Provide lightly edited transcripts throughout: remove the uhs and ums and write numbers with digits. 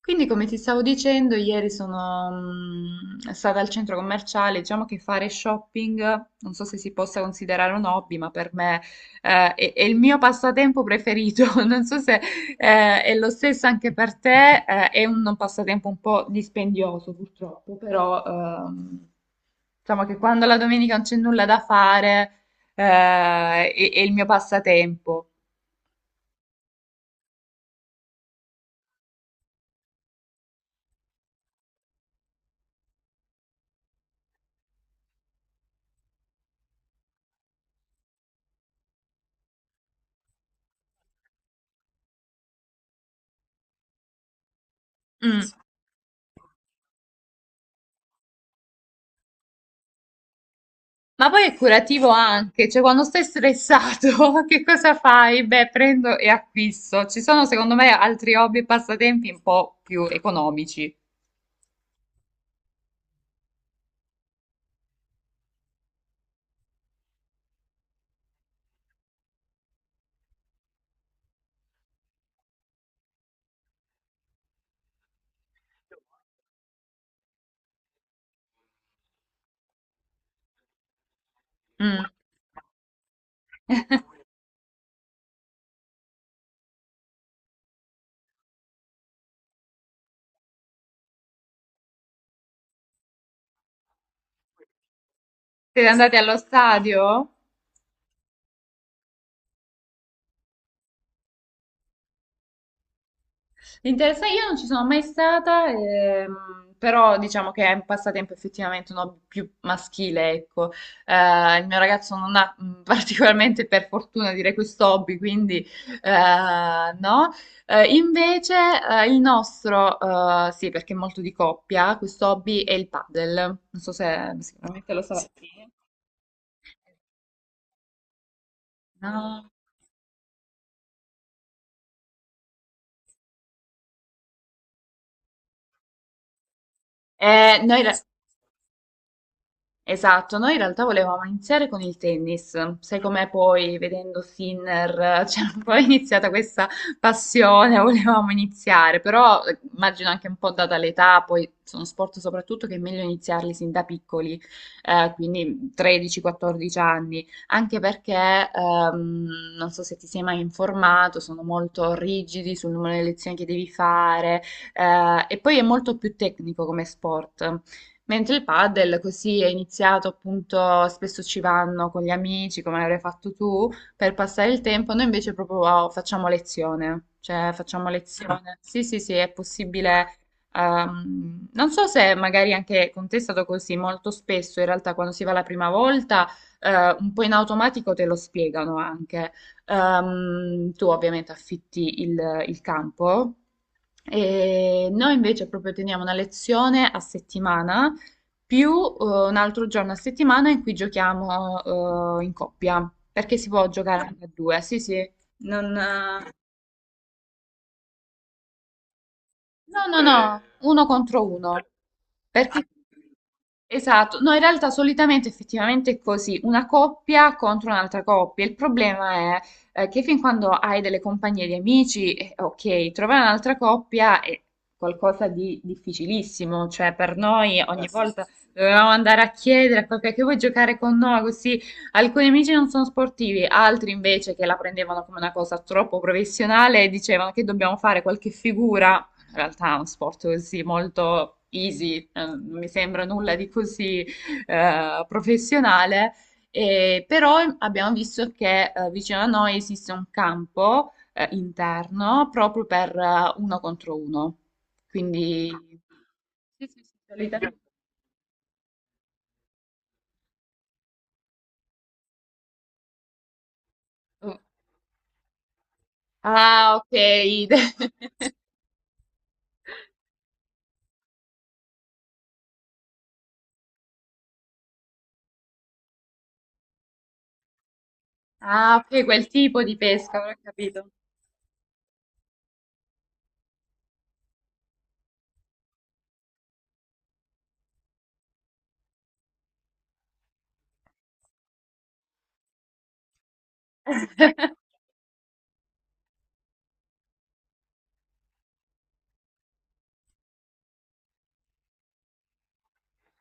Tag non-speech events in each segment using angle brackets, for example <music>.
Quindi come ti stavo dicendo, ieri sono stata al centro commerciale, diciamo che fare shopping, non so se si possa considerare un hobby, ma per me è il mio passatempo preferito. <laughs> Non so se è lo stesso anche per te, è un passatempo un po' dispendioso purtroppo, però diciamo che quando la domenica non c'è nulla da fare, è il mio passatempo. Mm. Ma poi è curativo anche, cioè quando stai stressato, <laughs> che cosa fai? Beh, prendo e acquisto. Ci sono secondo me altri hobby e passatempi un po' più economici. Mm. Siete andati allo stadio? Interessante, io non ci sono mai stata, però diciamo che è un passatempo effettivamente un hobby più maschile, ecco. Il mio ragazzo non ha <laughs> particolarmente, per fortuna, direi questo hobby, quindi no. Invece il nostro, sì, perché è molto di coppia, questo hobby è il paddle. Non so se sicuramente lo sapete. No? Noi, esatto, noi in realtà volevamo iniziare con il tennis, sai com'è poi vedendo Sinner, <laughs> c'è un po' iniziata questa passione, <laughs> volevamo iniziare, però immagino anche un po' data l'età, poi sono sport soprattutto che è meglio iniziarli sin da piccoli, quindi 13-14 anni, anche perché ehm, non so se ti sei mai informato, sono molto rigidi sul numero di lezioni che devi fare e poi è molto più tecnico come sport. Mentre il padel così è iniziato appunto, spesso ci vanno con gli amici, come avrai fatto tu, per passare il tempo, noi invece proprio oh, facciamo lezione, cioè facciamo ah, lezione. Sì, sì, sì, è possibile. Non so se magari anche con te è stato così, molto spesso in realtà quando si va la prima volta, un po' in automatico te lo spiegano anche. Tu ovviamente affitti il campo. E noi invece proprio teniamo una lezione a settimana più eh, un altro giorno a settimana in cui giochiamo in coppia, perché si può giocare anche a due, sì, sì, non, no, no, eh, no, uno contro uno. Ah, perché esatto, no, in realtà solitamente effettivamente è così, una coppia contro un'altra coppia. Il problema è che fin quando hai delle compagnie di amici, ok, trovare un'altra coppia è qualcosa di difficilissimo, cioè per noi ogni eh, sì, volta sì, sì, dovevamo andare a chiedere a qualcuno che vuoi giocare con noi, così alcuni amici non sono sportivi, altri invece che la prendevano come una cosa troppo professionale dicevano che dobbiamo fare qualche figura, in realtà è uno sport così molto easy, non mi sembra nulla di così professionale, e però abbiamo visto che vicino a noi esiste un campo interno proprio per uno contro uno. Quindi... Sì, sì, sì, solitamente. Ah, ok. <laughs> Ah, ok, quel tipo di pesca, ora ho capito.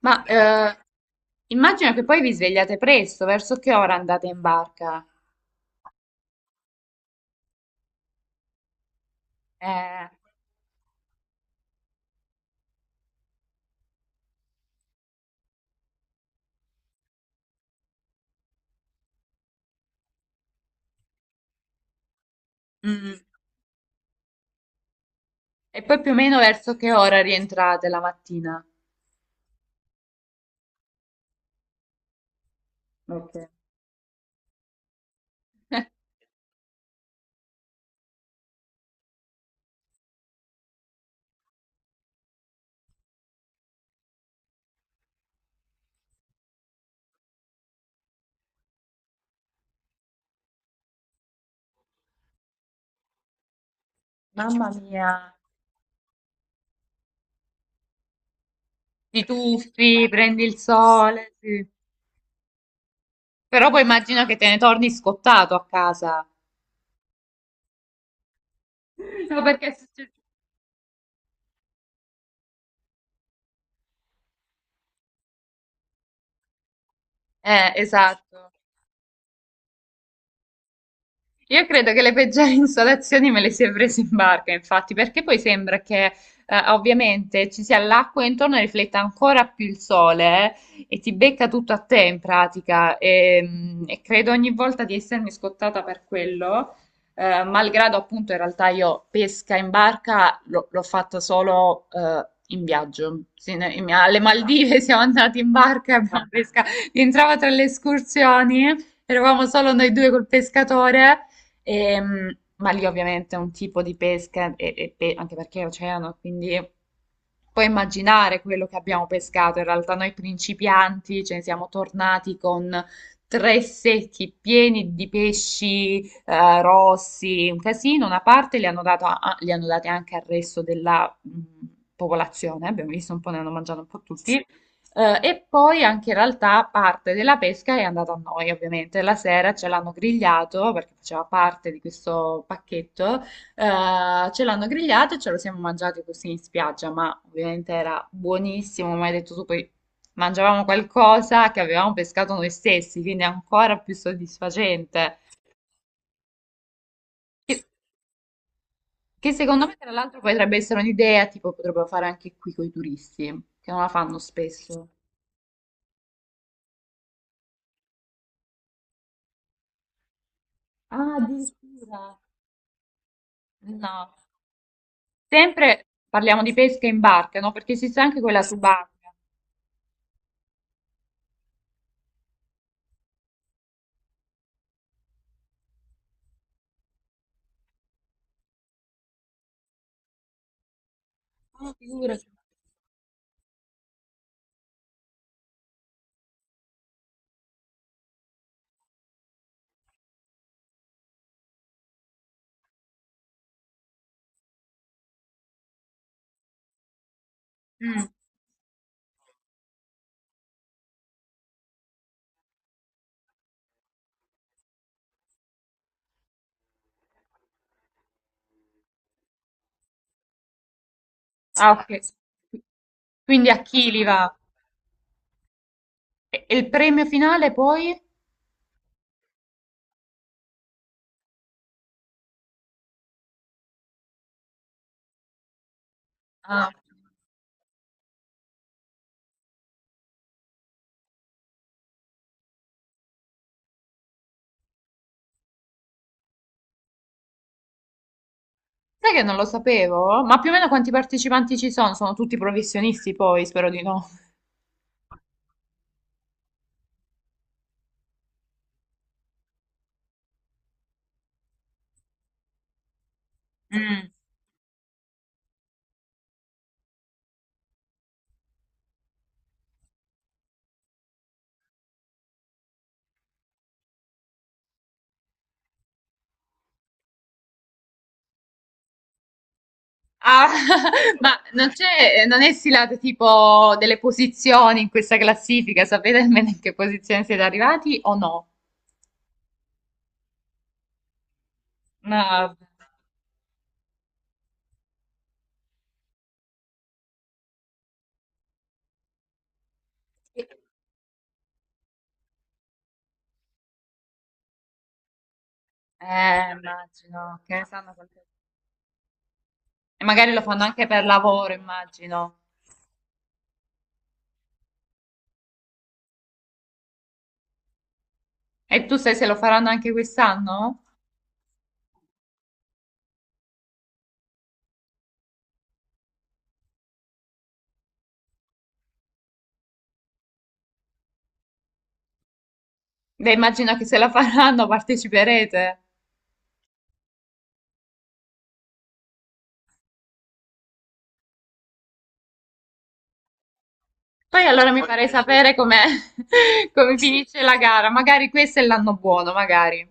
Ma immagino che poi vi svegliate presto, verso che ora andate in barca? Eh. Mm. E poi più o meno verso che ora rientrate la mattina? Ok. Mamma mia, ti tuffi, prendi il sole, sì. Però poi immagino che te ne torni scottato a casa. <laughs> No, perché è successo. Esatto. Io credo che le peggiori <laughs> insolazioni me le si è prese in barca, infatti, perché poi sembra che ovviamente ci sia l'acqua intorno e rifletta ancora più il sole e ti becca tutto a te in pratica. E, e credo ogni volta di essermi scottata per quello, malgrado appunto in realtà io pesca in barca l'ho fatta solo in viaggio. Sì, ne- in- alle Maldive <laughs> siamo andati in barca, abbiamo pescato, rientrava tra le escursioni, eravamo solo noi due col pescatore. Ma lì ovviamente è un tipo di pesca, e pe- anche perché è oceano, quindi puoi immaginare quello che abbiamo pescato, in realtà noi principianti ce ne siamo tornati con tre secchi pieni di pesci rossi, un casino, una parte li hanno dato a- li hanno dati anche al resto della popolazione, abbiamo visto un po', ne hanno mangiato un po' tutti, sì, e poi anche in realtà parte della pesca è andata a noi, ovviamente, la sera ce l'hanno grigliato perché faceva parte di questo pacchetto. Ce l'hanno grigliato e ce lo siamo mangiato così in spiaggia, ma ovviamente era buonissimo, come hai detto tu, poi mangiavamo qualcosa che avevamo pescato noi stessi, quindi è ancora più soddisfacente. Che, che secondo me, tra l'altro, potrebbe essere un'idea, tipo potrebbero fare anche qui con i turisti, che non la fanno spesso. Ah, addirittura. No, sempre parliamo di pesca in barca, no? Perché esiste anche quella subacquea. Ah, figurati. Mm. Ah, ok. Quindi a chili va? E il premio finale poi? Ah, sai che non lo sapevo? Ma più o meno quanti partecipanti ci sono? Sono tutti professionisti poi, spero di no. Mm. Ah, <laughs> ma non c'è, non è stilate tipo delle posizioni in questa classifica, sapete almeno in che posizione siete arrivati o no? No, vabbè. Immagino che ne sanno qualche... E magari lo fanno anche per lavoro, immagino. E tu sai se lo faranno anche quest'anno? Beh, immagino che se la faranno <laughs> parteciperete. Poi allora mi farei sapere com'è, <laughs> come finisce la gara. Magari questo è l'anno buono, magari.